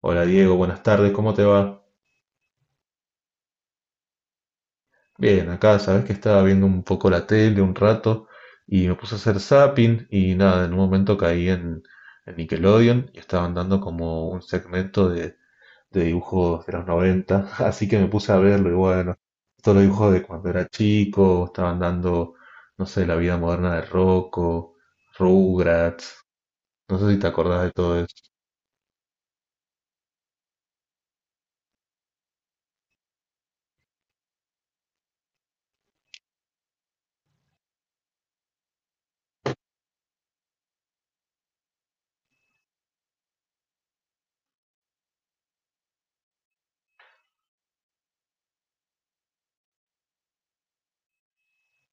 Hola Diego, buenas tardes, ¿cómo te va? Bien, acá sabes que estaba viendo un poco la tele un rato y me puse a hacer zapping y nada, en un momento caí en Nickelodeon y estaban dando como un segmento de dibujos de los 90, así que me puse a verlo y bueno, todos los dibujos de cuando era chico, estaban dando, no sé, la vida moderna de Rocco, Rugrats, no sé si te acordás de todo eso.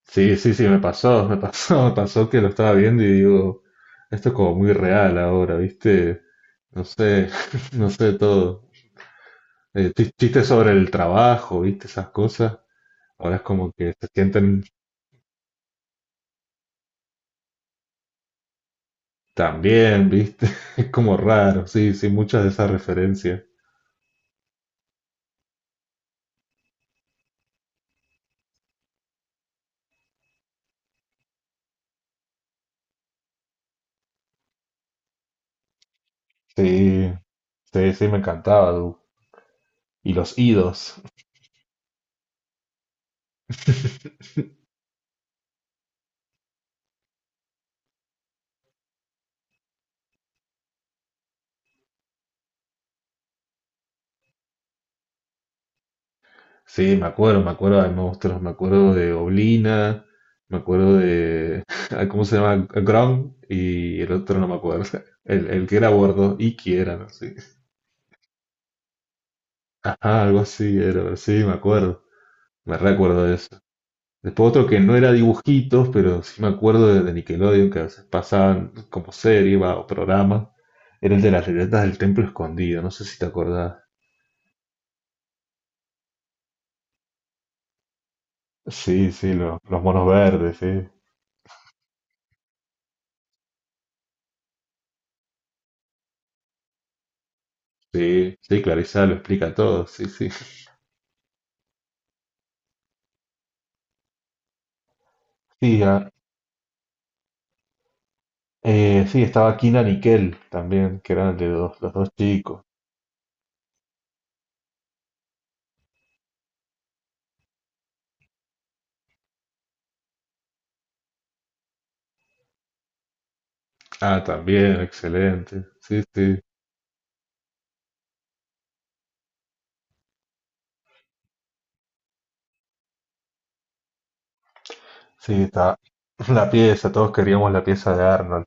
Sí, sí, sí, me pasó que lo estaba viendo y digo, esto es como muy real ahora, ¿viste? No sé, no sé todo. Chistes sobre el trabajo, ¿viste? Esas cosas. Ahora es como que se sienten tan bien, ¿viste? Es como raro, sí, sí, muchas de esas referencias. Sí, sí, sí, me encantaba, Du. Y los idos. Sí, me acuerdo de monstruos, me acuerdo de Oblina, me acuerdo de ah, ¿cómo se llama? Grom y el otro no me acuerdo. El que era gordo, y que era, no sé. Ajá, algo así era, sí, me acuerdo. Me recuerdo de eso. Después otro que no era dibujitos, pero sí me acuerdo de Nickelodeon, que a veces pasaban como serie va, o programa. Era el de las letras del templo escondido, no sé si te acordás. Sí, sí, los monos verdes, sí. Sí, sí, Clarissa lo explica todo, sí, sí. Sí, ah, sí, estaba Kina Nickel también, que eran de dos, los dos chicos. Ah, también, excelente. Sí, sí. Sí, está la pieza, todos queríamos la pieza de Arnold.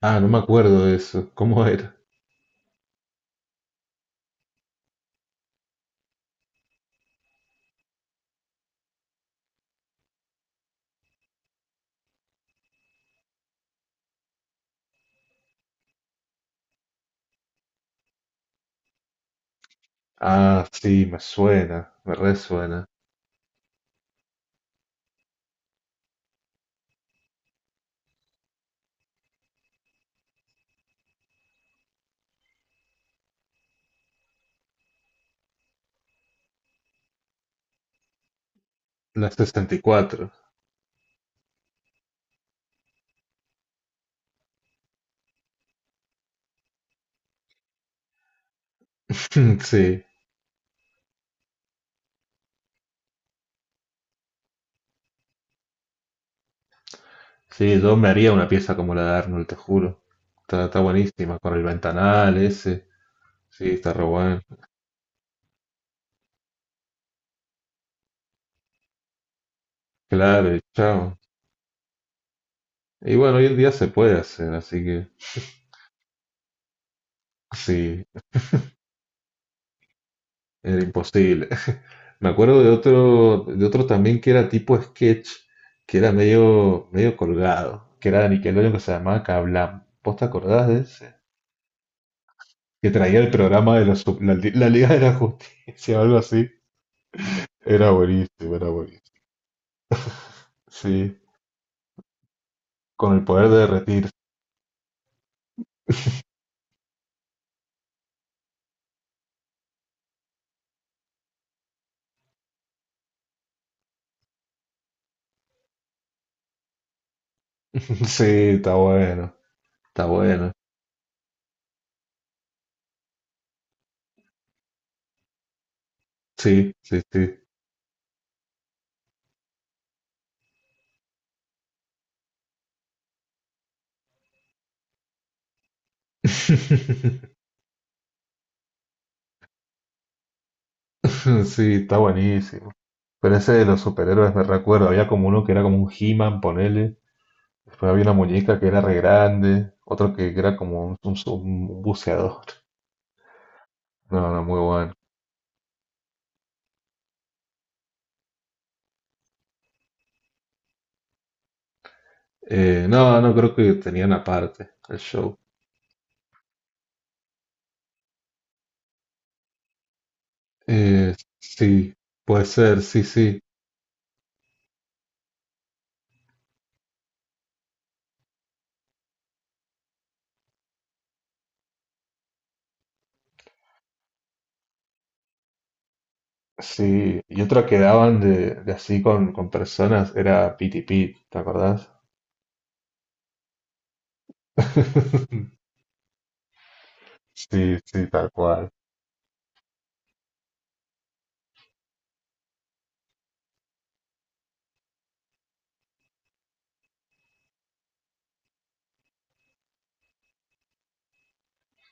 Ah, no me acuerdo de eso. ¿Cómo era? Ah, sí, me suena, me resuena. La 64. Sí, sí, yo me haría una pieza como la de Arnold, te juro. Está, está buenísima, con el ventanal ese. Sí, está re bueno. Claro, y chao. Y bueno, hoy en día se puede hacer, así que sí. Era imposible. Me acuerdo de otro también que era tipo sketch, que era medio, medio colgado, que era de Nickelodeon que se llamaba Kablam. ¿Vos te acordás de ese? Que traía el programa de los, la Liga de la Justicia o algo así. Era buenísimo, era buenísimo. Sí, con el poder de derretir. Sí, está bueno, está bueno. Sí, sí, sí. Sí, está buenísimo. Pero ese de los superhéroes me recuerdo. Había como uno que era como un He-Man, ponele. Después había una muñeca que era re grande, otro que era como un, un buceador. No, no, muy bueno. No, no creo que tenían aparte el show. Sí, puede ser, sí, sí. Sí, y otra que daban de así con personas era Piti Pit, ¿te acordás? Sí, sí, tal cual.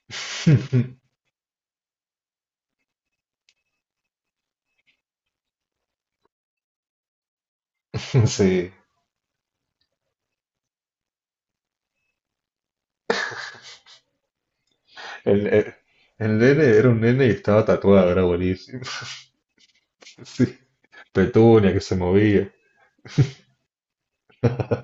Sí, el, el, el nene era un nene y estaba tatuado, era buenísimo. Sí, Petunia que se movía.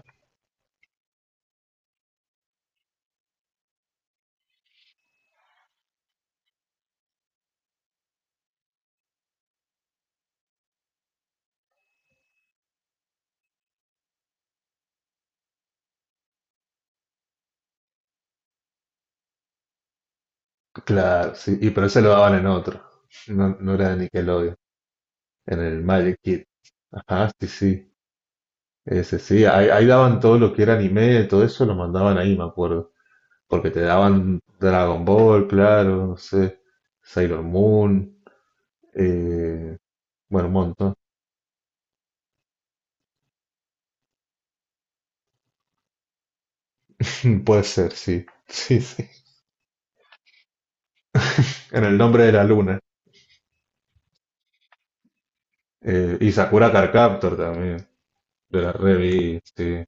Claro, sí, y pero ese lo daban en otro. No, no era de Nickelodeon, en el Magic Kid. Ajá, sí, sí. Ese sí, ahí, ahí daban todo lo que era anime, todo eso lo mandaban ahí, me acuerdo. Porque te daban Dragon Ball, claro, no sé, Sailor Moon, eh, bueno, un montón. Puede ser, sí, sí, sí. En el nombre de la luna. Y Sakura Card Captor también, de la revista, sí.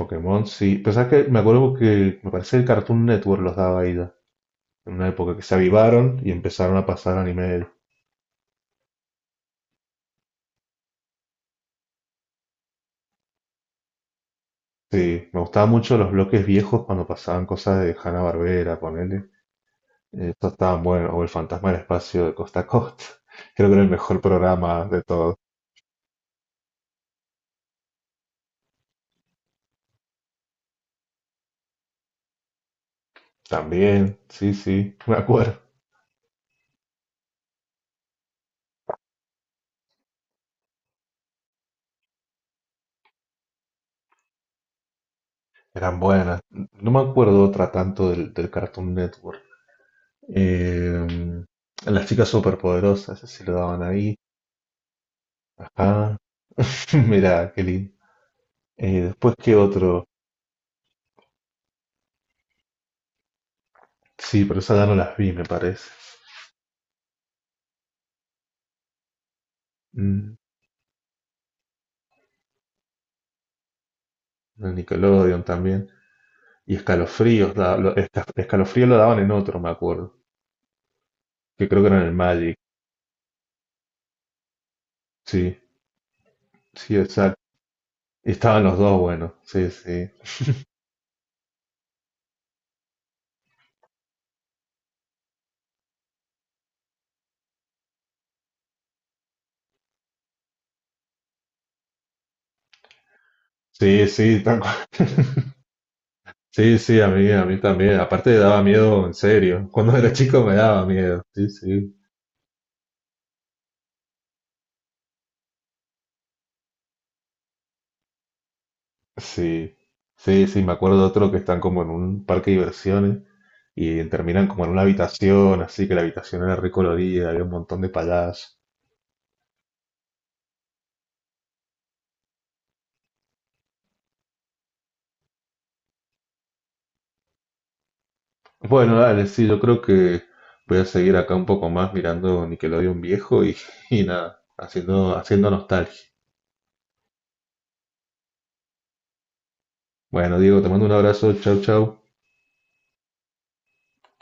Pokémon, sí. Pero sabes que me acuerdo que me parece que el Cartoon Network los daba ahí, en una época que se avivaron y empezaron a pasar anime. Sí, me gustaban mucho los bloques viejos cuando pasaban cosas de Hanna-Barbera, ponele. Eso estaban buenos, o El Fantasma del Espacio de Costa a Costa. Creo que era el mejor programa de todos. También, sí, sí, me acuerdo. Eran buenas. No me acuerdo otra tanto del, del Cartoon Network. Eh, las chicas superpoderosas, ese sí lo daban ahí. Ajá. Mirá, qué lindo. Después, ¿qué otro? Sí, pero esas ya no las vi, me parece. Mm, de Nickelodeon también. Y escalofríos, escalofrío lo daban en otro, me acuerdo, que creo que era en el Magic. Sí, sí, exacto. Y estaban los dos, bueno, sí, sí. Sí, sí, tal cual. Sí, sí, a mí también. Aparte daba miedo, en serio. Cuando era chico me daba miedo. Sí, sí. Sí, sí, sí, me acuerdo de otro que están como en un parque de diversiones y terminan como en una habitación, así que la habitación era recolorida, había un montón de payasos. Bueno, dale, sí, yo creo que voy a seguir acá un poco más mirando Nickelodeon viejo y, y nada, haciendo, haciendo nostalgia. Bueno, Diego, te mando un abrazo, chau, chau.